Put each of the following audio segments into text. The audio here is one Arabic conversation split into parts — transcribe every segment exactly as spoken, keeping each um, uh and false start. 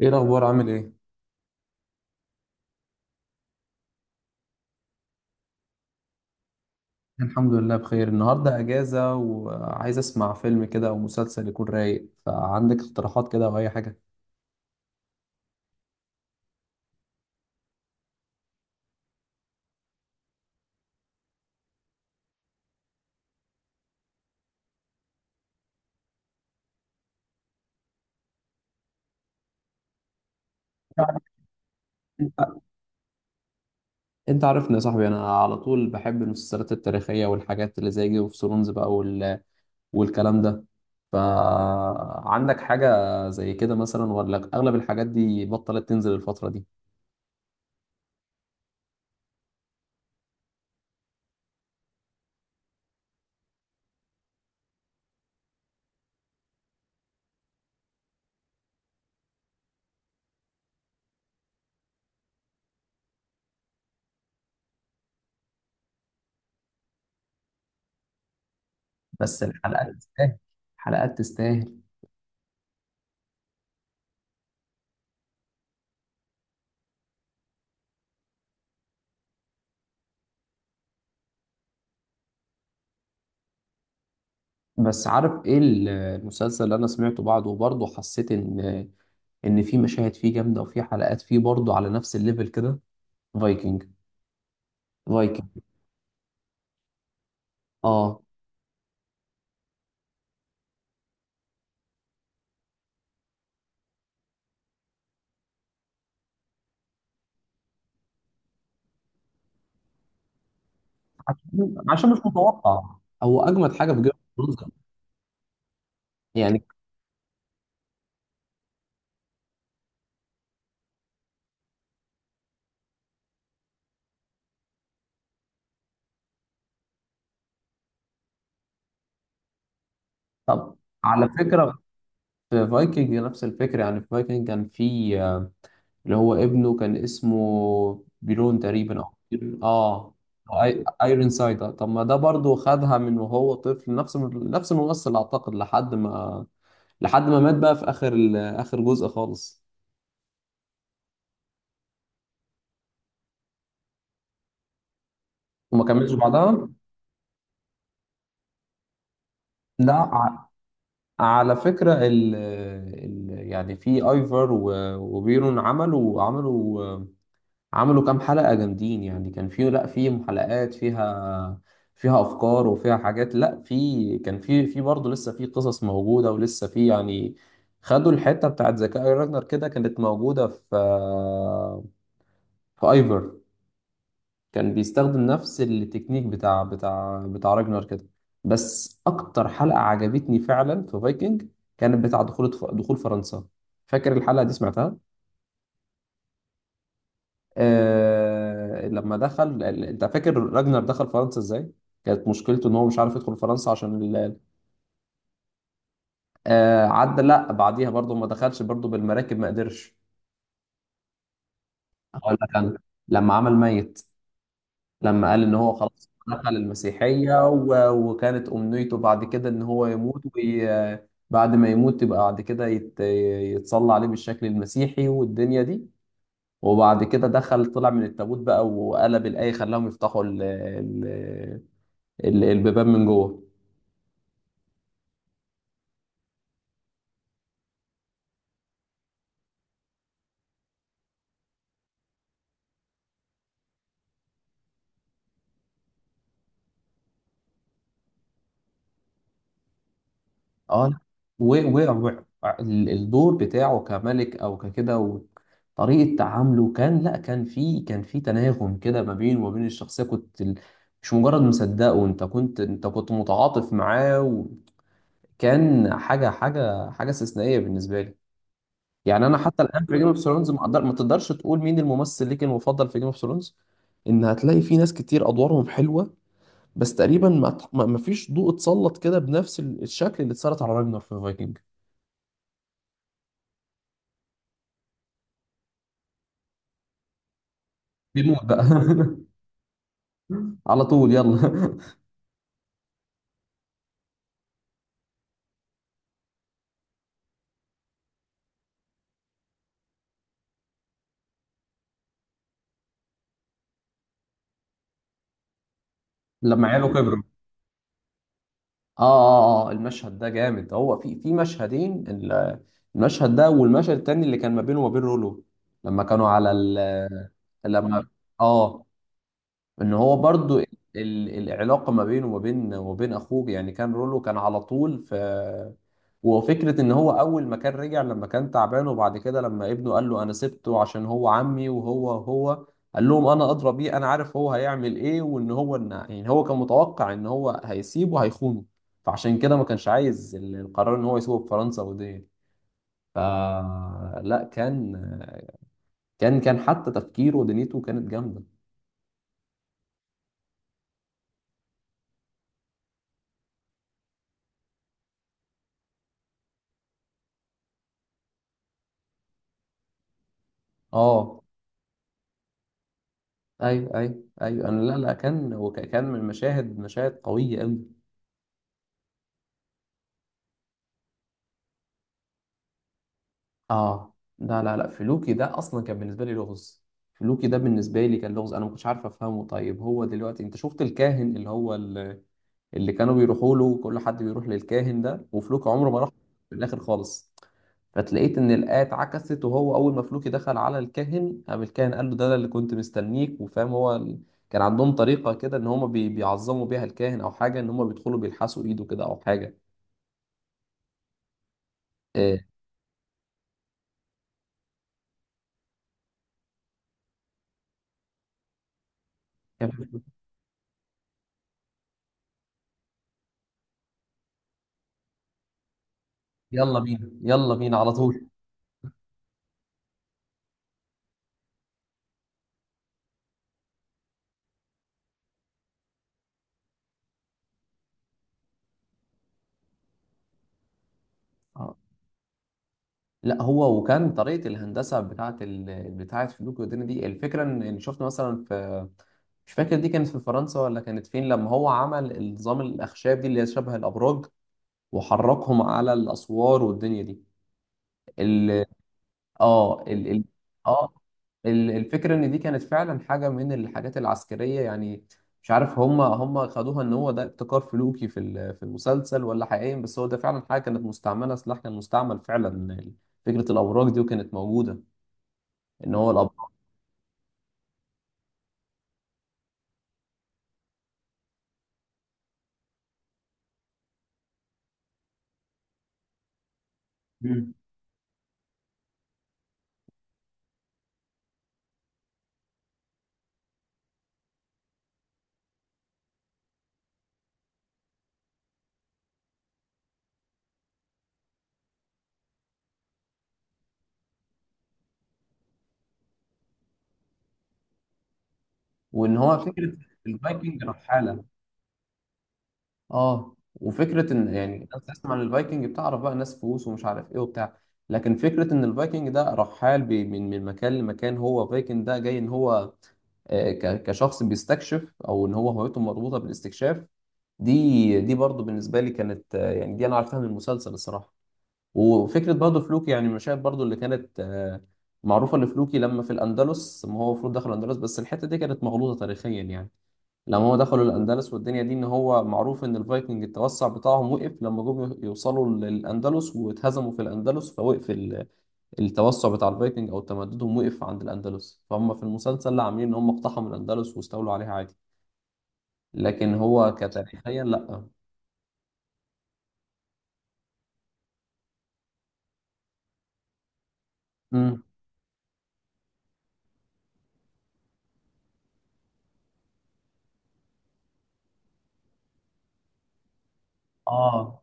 ايه الاخبار؟ عامل ايه؟ الحمد لله بخير. النهارده اجازه، وعايز اسمع فيلم كده او مسلسل يكون رايق. فعندك اقتراحات كده او اي حاجه؟ يعني انت انت عارفني يا صاحبي، انا على طول بحب المسلسلات التاريخيه والحاجات اللي زي جيم اوف ثرونز بقى، وال... والكلام ده. فعندك حاجه زي كده مثلا، ولا اغلب الحاجات دي بطلت تنزل الفتره دي؟ بس الحلقات تستاهل. الحلقات تستاهل. بس عارف ايه ال- المسلسل اللي انا سمعته بعده وبرضه حسيت ان ان في مشاهد فيه جامده وفي حلقات فيه برضه على نفس الليفل كده؟ فايكنج. فايكنج. اه. عشان عشان مش متوقع. هو اجمد حاجه في جيم اوف ثرونز يعني. طب على فكره، في فايكنج نفس الفكره، يعني في فايكنج كان في آه، اللي هو ابنه كان اسمه بيرون تقريبا او... اه. ايرون سايد. طب ما ده برضه خدها من وهو طفل، نفس نفس الممثل اعتقد، لحد ما لحد ما مات بقى في اخر ال- اخر جزء خالص، وما كملش بعدها. لا. على فكرة ال ال يعني في ايفر و- وبيرون عملوا عملوا عملوا كام حلقة جامدين، يعني كان في، لا، في حلقات فيها فيها افكار وفيها حاجات. لا، في، كان في، في برضه لسه في قصص موجودة ولسه في يعني، خدوا الحتة بتاعت ذكاء راجنر كده كانت موجودة في في ايفر. كان بيستخدم نفس التكنيك بتاع بتاع بتاع راجنر كده. بس اكتر حلقة عجبتني فعلا في فايكنج كانت بتاع دخول دخول فرنسا. فاكر الحلقة دي سمعتها؟ آه لما دخل، انت فاكر راجنر دخل فرنسا ازاي؟ كانت مشكلته ان هو مش عارف يدخل فرنسا عشان ال- آه، عدى، لا بعديها برضه ما دخلش برضه بالمراكب، ما قدرش. اقول لك انا، لما عمل ميت. لما قال ان هو خلاص دخل المسيحية و- وكانت أمنيته بعد كده ان هو يموت وي- بعد ما يموت يبقى بعد كده يت- يتصلى عليه بالشكل المسيحي والدنيا دي، وبعد كده دخل طلع من التابوت بقى، وقلب الآية، خلاهم يفتحوا ال- ال- ال- البيبان من جوه. اه. والدور بتاعه كملك او ككده، وطريقه تعامله، كان، لا كان في، كان في تناغم كده ما بينه وما بين الشخصيه. كنت ال- مش مجرد مصدقه، انت كنت، انت كنت متعاطف معاه. وكان حاجه حاجه حاجه استثنائيه بالنسبه لي. يعني انا حتى الان في جيم اوف ثرونز ما أقدر- ما تقدرش تقول مين الممثل ليك المفضل في جيم اوف ثرونز. ان هتلاقي في ناس كتير ادوارهم حلوه، بس تقريبا ما ما ما فيش ضوء اتسلط كده بنفس الشكل اللي اتسلط على راجنر في فايكنج. بيموت بقى. على طول يلا. لما عياله كبروا. اه اه اه، المشهد ده جامد. هو في في مشهدين، ال- المشهد ده والمشهد التاني اللي كان ما بينه وما بين رولو، لما كانوا على ال... لما، اه. ان هو برضو ال- العلاقه ما بينه وما بين، وبين اخوه، يعني كان رولو كان على طول في. وفكره ان هو اول ما كان رجع، لما كان تعبان، وبعد كده لما ابنه قال له انا سبته عشان هو عمي، وهو هو قال لهم انا ادرى بيه، انا عارف هو هيعمل ايه، وان هو إن، يعني هو كان متوقع ان هو هيسيبه هيخونه، فعشان كده ما كانش عايز ال- القرار ان هو يسيبه في فرنسا ودي. فلا كان، كان كان حتى تفكيره ودنيته كانت جامده. اه، ايوه ايوه ايوه. انا، لا لا، كان هو ك- كان من مشاهد مشاهد قويه قوي. اه، لا لا لا، فلوكي ده اصلا كان بالنسبه لي لغز. فلوكي ده بالنسبه لي كان لغز، انا ما كنتش عارف افهمه. طيب، هو دلوقتي انت شفت الكاهن اللي هو ال- اللي كانوا بيروحوا له، كل حد بيروح للكاهن ده وفلوكي عمره ما راح. في الاخر خالص فتلاقيت ان الايه اتعكست، وهو اول ما فلوكي دخل على الكاهن قام الكاهن قال له ده أنا اللي كنت مستنيك، وفاهم هو ال- كان عندهم طريقه كده ان هم بيعظموا بيها الكاهن او حاجه، ان هم بيدخلوا بيلحسوا ايده كده او حاجه. إيه. يلا بينا، يلا بينا، على طول. آه. لا، هو وكان طريقه الهندسه بتاعه ال... بتاعه فلوك والدنيا دي، الفكره ان، إن شفت مثلا في، مش فاكر دي كانت في فرنسا ولا كانت فين، لما هو عمل النظام، الاخشاب دي اللي هي شبه الابراج، وحركهم على الاسوار والدنيا دي. ال- اه ال ال اه ال- الفكرة ان دي كانت فعلا حاجة من الحاجات العسكرية، يعني مش عارف هم هم خدوها ان هو ده ابتكار فلوكي في ال- في المسلسل، ولا حقيقيا، بس هو ده فعلا حاجة كانت مستعملة، سلاح كان مستعمل فعلا، فكرة الأبراج دي وكانت موجودة، ان هو الأبراج. مم. وان هو فكرة الفايكنج رحالة. اه، وفكره ان، يعني الناس تسمع أوكي، عن الفايكنج، بتعرف بقى ناس فلوس ومش عارف ايه وبتاع، لكن فكره ان الفايكنج ده رحال، بي- من من مكان لمكان، هو فايكنج ده جاي ان هو، آه، ك- كشخص بيستكشف، او ان هو هويته مربوطه بالاستكشاف. دي دي برضو بالنسبه لي كانت، آه، يعني دي انا عرفتها من المسلسل الصراحه. وفكره برضو فلوكي، يعني المشاهد برضو اللي كانت آه، معروفه لفلوكي، لما في الاندلس، ما هو المفروض دخل الاندلس، بس الحته دي كانت مغلوطه تاريخيا يعني. لما هم دخلوا الأندلس والدنيا دي، إن هو معروف إن الفايكنج التوسع بتاعهم وقف لما جم يوصلوا للأندلس واتهزموا في الأندلس، فوقف ال- التوسع بتاع الفايكنج أو تمددهم وقف عند الأندلس، فهم في المسلسل لا عاملين إن هم اقتحموا الأندلس واستولوا عليها عادي، لكن هو كتاريخيا لا. امم اه.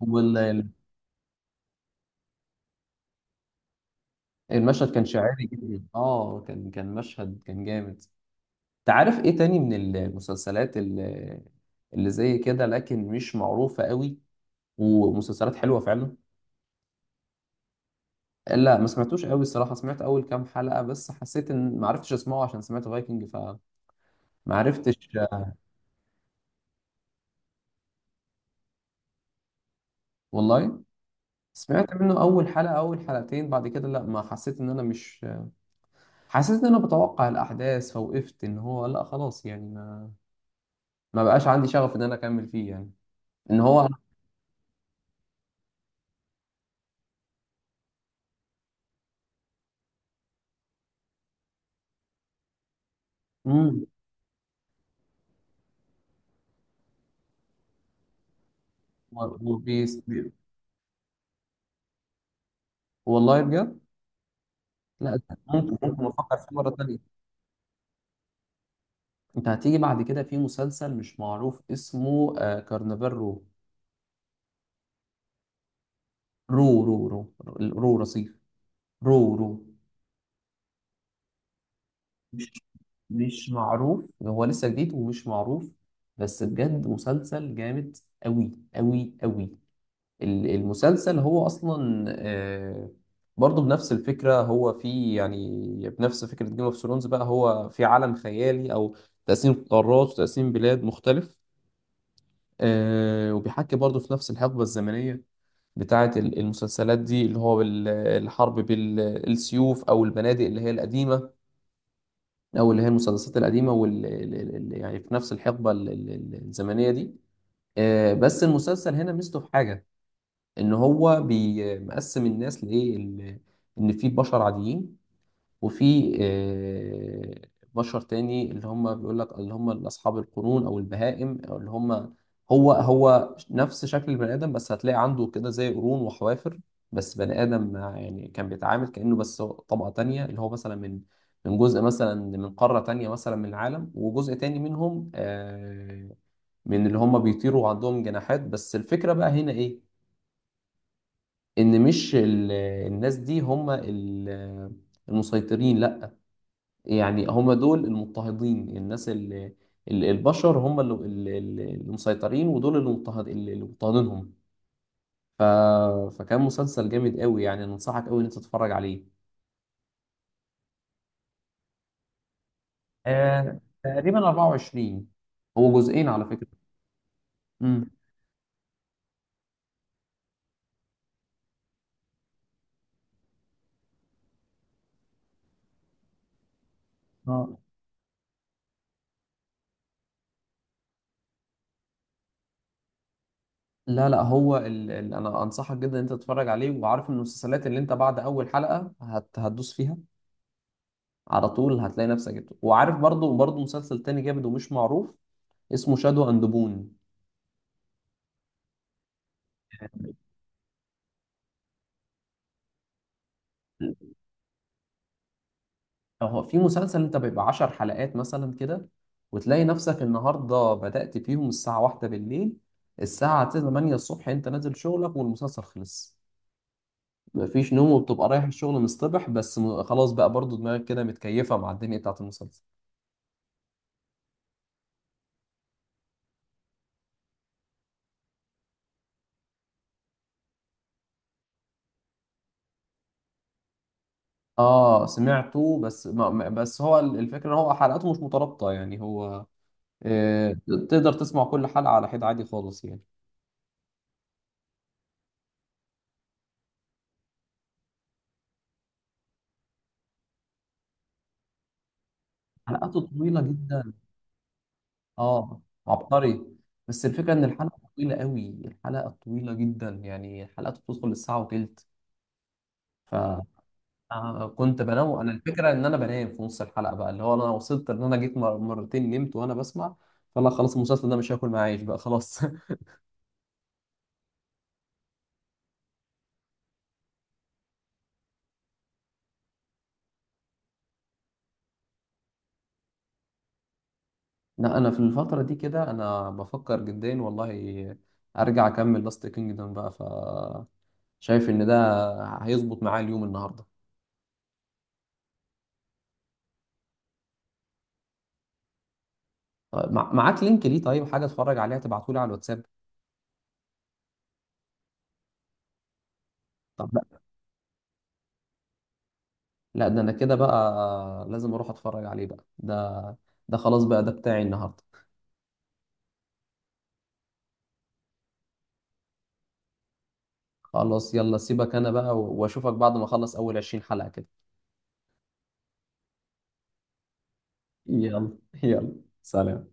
والمشهد كان شاعري جدا، اه، كان كان مشهد كان جامد. تعرف ايه تاني من المسلسلات اللي، اللي زي كده، لكن مش معروفة قوي، ومسلسلات حلوة فعلا؟ لا، ما سمعتوش قوي الصراحه، سمعت اول كام حلقه بس، حسيت ان، ما عرفتش اسمعه عشان سمعت فايكنج، فما عرفتش. آه، والله سمعت منه اول حلقه، اول حلقتين، بعد كده لا، ما حسيت ان انا مش، حسيت ان انا بتوقع الاحداث، فوقفت ان هو لا خلاص، يعني ما، ما بقاش عندي شغف ان انا اكمل فيه يعني، ان هو. امم وبيس. والله بجد. لا، ممكن ممكن افكر فيه مره تانية. انت هتيجي بعد كده في مسلسل مش معروف اسمه، آه، كارنفال رو. رو رو رو رو رصيف، رو رو مش مش معروف، هو لسه جديد ومش معروف، بس بجد مسلسل جامد أوي أوي أوي. ال- المسلسل هو أصلا، آه، برضه بنفس الفكرة، هو في، يعني بنفس فكرة جيم اوف ثرونز بقى، هو في عالم خيالي، أو تقسيم قارات وتقسيم بلاد مختلف، آه، وبيحكي برضه في نفس الحقبة الزمنية بتاعة ال- المسلسلات دي، اللي هو ال- الحرب بالسيوف، أو المبادئ اللي هي القديمة، او اللي هي المسلسلات القديمه واللي يعني في نفس الحقبه ال- ال- ال- الزمنيه دي. آه، بس المسلسل هنا ميزته في حاجه، ان هو بيقسم الناس لايه، ال- ان في بشر عاديين، وفي آه، بشر تاني اللي هم، بيقول لك اللي هم اصحاب القرون او البهائم، او اللي هم، هو هو نفس شكل البني ادم، بس هتلاقي عنده كده زي قرون وحوافر، بس بني ادم مع- يعني كان بيتعامل كانه بس طبقه تانية، اللي هو مثلا من، من جزء مثلا من قاره تانية مثلا من العالم، وجزء تاني منهم آه، من اللي هم بيطيروا وعندهم جناحات. بس الفكره بقى هنا ايه، ان مش ال- الناس دي هم ال- المسيطرين، لا. يعني هم دول المضطهدين، الناس اللي ال- البشر هم اللي اللي- اللي مسيطرين، ودول اللي مضطهد، اللي مضطهدينهم. ف... فكان مسلسل جامد قوي يعني، أنا انصحك قوي ان انت تتفرج عليه. آه... تقريبا أربعة وعشرين. هو جزئين على فكرة. امم اه. لا، لا هو ال... ال... انا انصحك جدا ان انت تتفرج عليه، وعارف ان المسلسلات اللي انت بعد اول حلقة هت... هتدوس فيها على طول، هتلاقي نفسك جبته. وعارف برضو، برضو مسلسل تاني جامد ومش معروف، اسمه شادو اند بون. هو في مسلسل انت بيبقى عشر حلقات مثلا كده، وتلاقي نفسك النهارده بدأت فيهم الساعة واحدة بالليل، الساعة تمانية الصبح انت نازل شغلك والمسلسل خلص، مفيش نوم، وبتبقى رايح الشغل مصطبح بس، م- خلاص بقى، برضو دماغك كده متكيفة مع الدنيا بتاعت المسلسل. اه، سمعته، بس ما ما- بس هو ال- الفكرة ان هو حلقاته مش مترابطة، يعني هو، آه تقدر تسمع كل حلقة على حد عادي خالص يعني. حلقاته طويلة جدا. اه. عبقري. بس الفكره ان الحلقه طويله قوي، الحلقه طويله جدا، يعني الحلقه بتدخل الساعه وتلت. ف، آه، كنت بنام انا، الفكره ان انا بنام في نص الحلقه بقى، اللي هو انا وصلت ان انا جيت مر- مرتين نمت وانا بسمع، فلا، خلاص المسلسل ده مش هاكل معاه عيش بقى خلاص. لا، انا في الفتره دي كده انا بفكر جدا والله ارجع اكمل لاست كينجدم بقى، ف، شايف ان ده هيظبط معايا اليوم النهارده. طيب، مع- معاك لينك ليه طيب، حاجه اتفرج عليها، تبعتولي على الواتساب. طب لا، ده انا كده بقى لازم اروح اتفرج عليه بقى ده. ده خلاص بقى ده بتاعي النهارده. خلاص يلا، سيبك انا بقى، و- واشوفك بعد ما اخلص اول عشرين حلقة كده. يلا. يلا. سلام.